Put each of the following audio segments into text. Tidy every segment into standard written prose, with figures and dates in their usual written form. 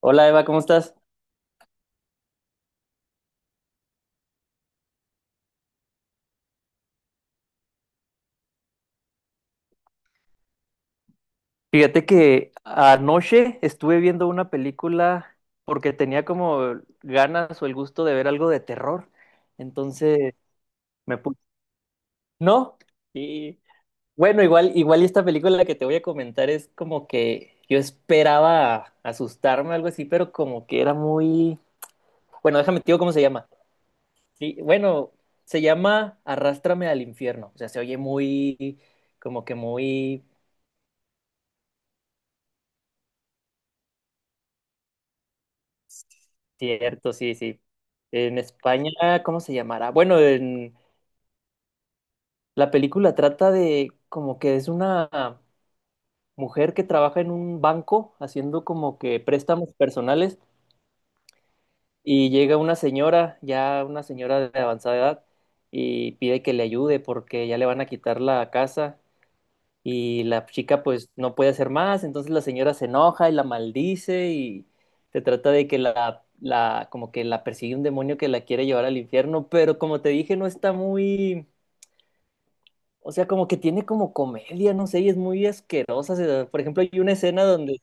Hola Eva, ¿cómo estás? Fíjate que anoche estuve viendo una película porque tenía como ganas o el gusto de ver algo de terror. Entonces me puse... No, y bueno, igual y esta película que te voy a comentar es como que yo esperaba asustarme o algo así, pero como que era muy... Bueno, déjame te digo cómo se llama. Sí, bueno, se llama Arrástrame al infierno. O sea, se oye muy, como que muy... Cierto, sí, sí. En España, ¿cómo se llamará? Bueno, en la película trata de como que es una mujer que trabaja en un banco haciendo como que préstamos personales y llega una señora, ya una señora de avanzada edad, y pide que le ayude porque ya le van a quitar la casa y la chica pues no puede hacer más, entonces la señora se enoja y la maldice y se trata de que la como que la persigue un demonio que la quiere llevar al infierno, pero como te dije no está muy, o sea, como que tiene como comedia, no sé, y es muy asquerosa. Por ejemplo, hay una escena donde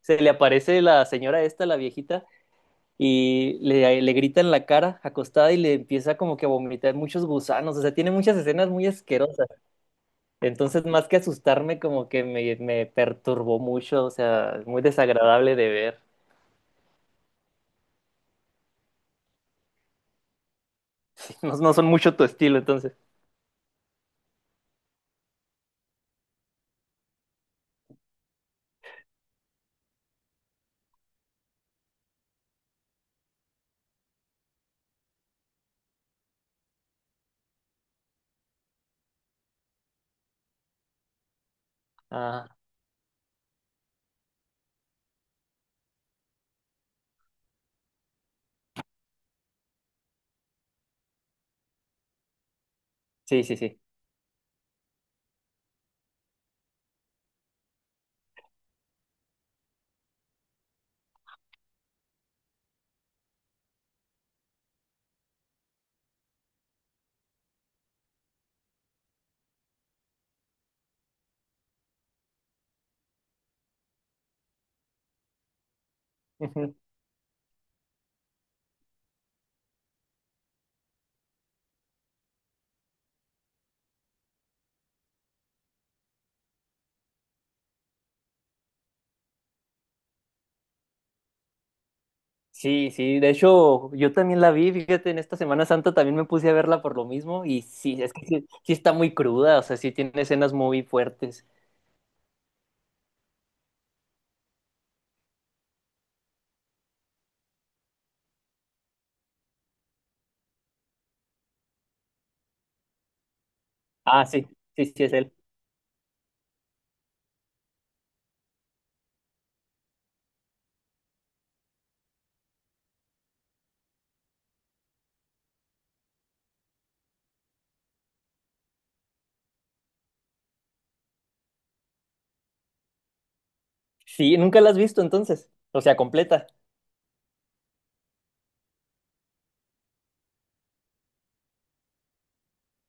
se le aparece la señora esta, la viejita, y le grita en la cara acostada y le empieza como que a vomitar muchos gusanos, o sea, tiene muchas escenas muy asquerosas. Entonces, más que asustarme, como que me perturbó mucho, o sea, muy desagradable de ver. No, no son mucho tu estilo, entonces. Ah, sí, sí, sí. Ujú. Sí, sí, de hecho, yo también la vi, fíjate, en esta Semana Santa también me puse a verla por lo mismo y sí, es que sí, sí está muy cruda, o sea, sí tiene escenas muy fuertes. Ah, sí, sí, sí, es él. Sí, nunca la has visto entonces, o sea, completa.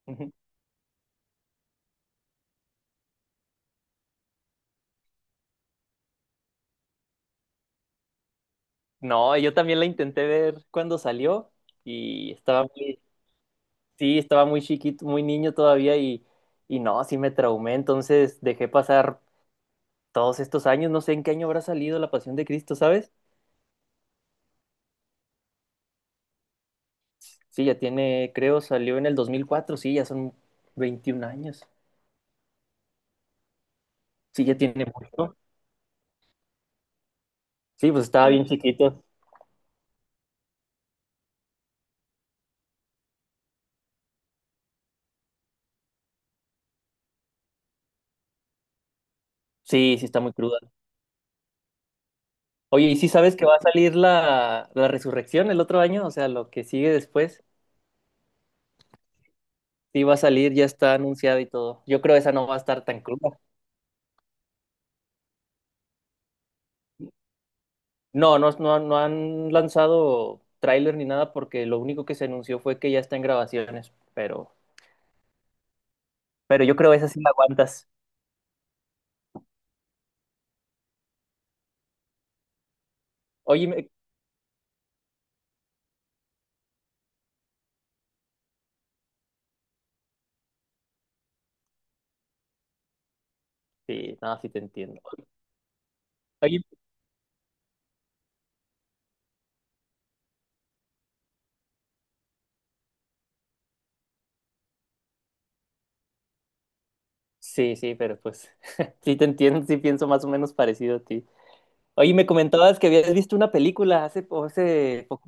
Ujú. No, yo también la intenté ver cuando salió y estaba muy... Sí, estaba muy chiquito, muy niño todavía y no, sí me traumé, entonces dejé pasar todos estos años, no sé en qué año habrá salido La Pasión de Cristo, ¿sabes? Sí, ya tiene, creo, salió en el 2004, sí, ya son 21 años, sí, ya tiene mucho, sí, pues estaba bien chiquito, sí, sí está muy cruda. Oye, ¿y sí sabes que va a salir la resurrección el otro año? O sea, lo que sigue después, sí va a salir, ya está anunciada y todo. Yo creo esa no va a estar tan cruda. No han lanzado tráiler ni nada porque lo único que se anunció fue que ya está en grabaciones, pero yo creo esa sí la aguantas. Oye, me- sí, no, sí te entiendo. Oye, sí, sí, pero pues sí te entiendo, sí pienso más o menos parecido a ti. Oye, me comentabas que habías visto una película hace, hace poco,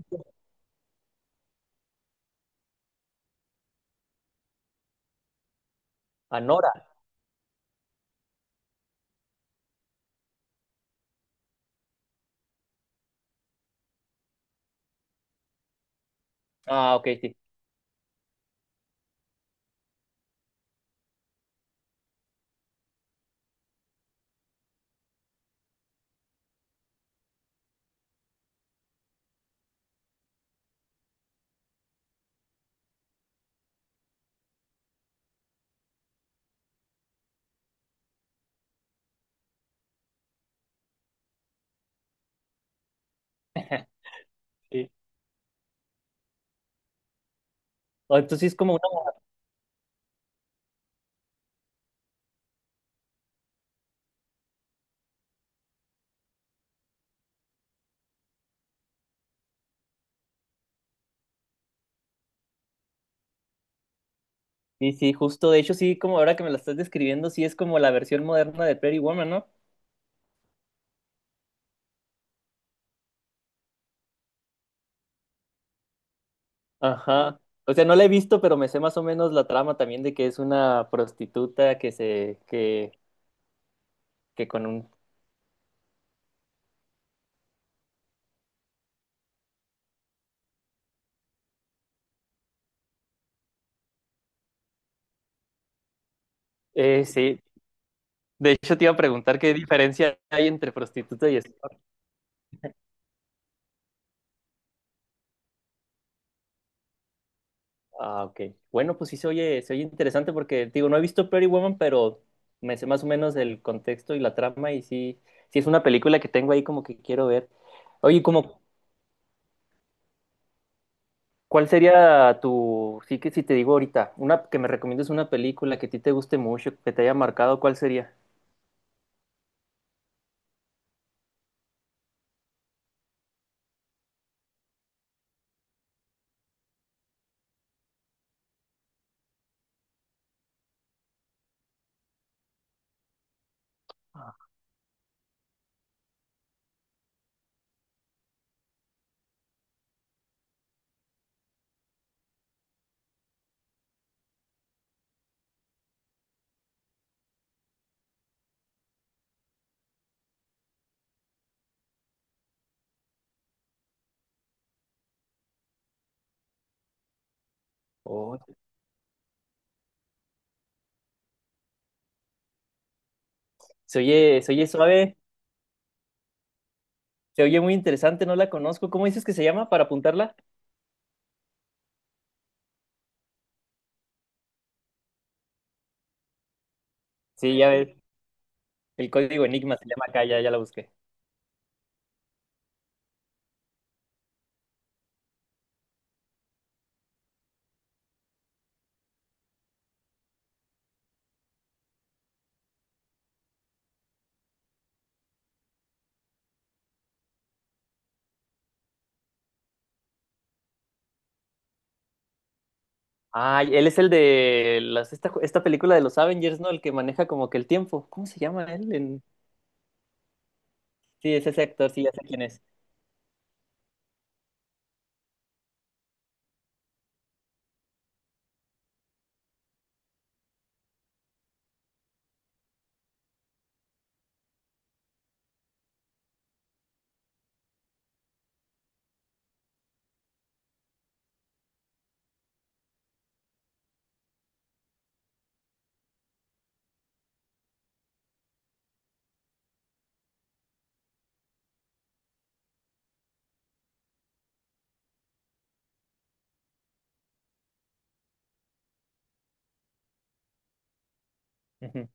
Anora. Ah, ok, sí. Sí. O entonces sí es como una... Sí, sí, justo, de hecho sí, como ahora que me la estás describiendo, sí es como la versión moderna de Pretty Woman, ¿no? Ajá. O sea, no la he visto, pero me sé más o menos la trama también de que es una prostituta que que con un... sí. De hecho, te iba a preguntar qué diferencia hay entre prostituta y escort. Ah, ok. Bueno, pues sí se oye interesante porque, digo, no he visto Pretty Woman, pero me sé más o menos el contexto y la trama y sí, sí es una película que tengo ahí como que quiero ver. Oye, como, ¿cuál sería tu, sí que si te digo ahorita, una que me recomiendes una película que a ti te guste mucho, que te haya marcado, ¿cuál sería? Oh, se oye suave, se oye muy interesante, no la conozco. ¿Cómo dices que se llama para apuntarla? Sí, ya ves, el código Enigma se llama acá, ya, ya la busqué. Ah, y él es el de las, esta película de los Avengers, ¿no? El que maneja como que el tiempo. ¿Cómo se llama él? Sí, es ese actor, sí, ya sé quién es. Ujú.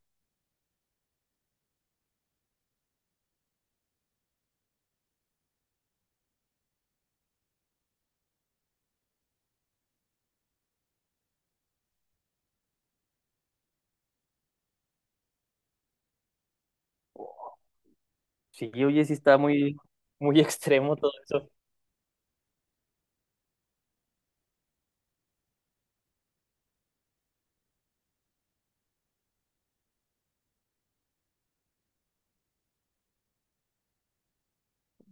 Sí, oye, sí está muy, muy extremo todo eso.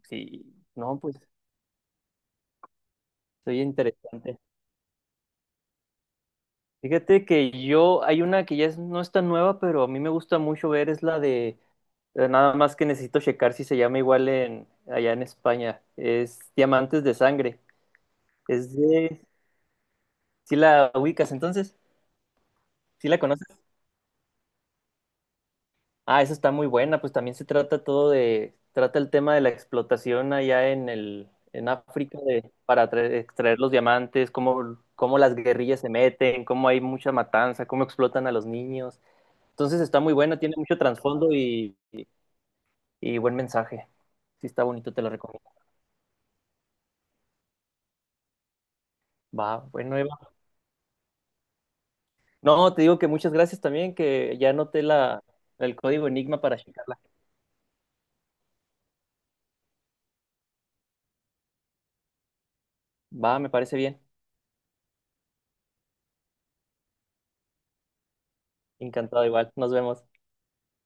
Sí, no, pues, se oye interesante. Fíjate que yo, hay una que ya no es tan nueva, pero a mí me gusta mucho ver, es la de... nada más que necesito checar si se llama igual en allá en España. Es Diamantes de Sangre. Es de... ¿Sí la ubicas entonces? ¿Sí la conoces? Ah, esa está muy buena. Pues también se trata todo de... Trata el tema de la explotación allá en el... en África de... para extraer los diamantes, cómo, cómo las guerrillas se meten, cómo hay mucha matanza, cómo explotan a los niños. Entonces está muy buena, tiene mucho trasfondo y buen mensaje. Sí está bonito, te lo recomiendo. Va, bueno, Eva. No, te digo que muchas gracias también, que ya anoté el código Enigma para checarla. Va, me parece bien. Encantado igual. Nos vemos.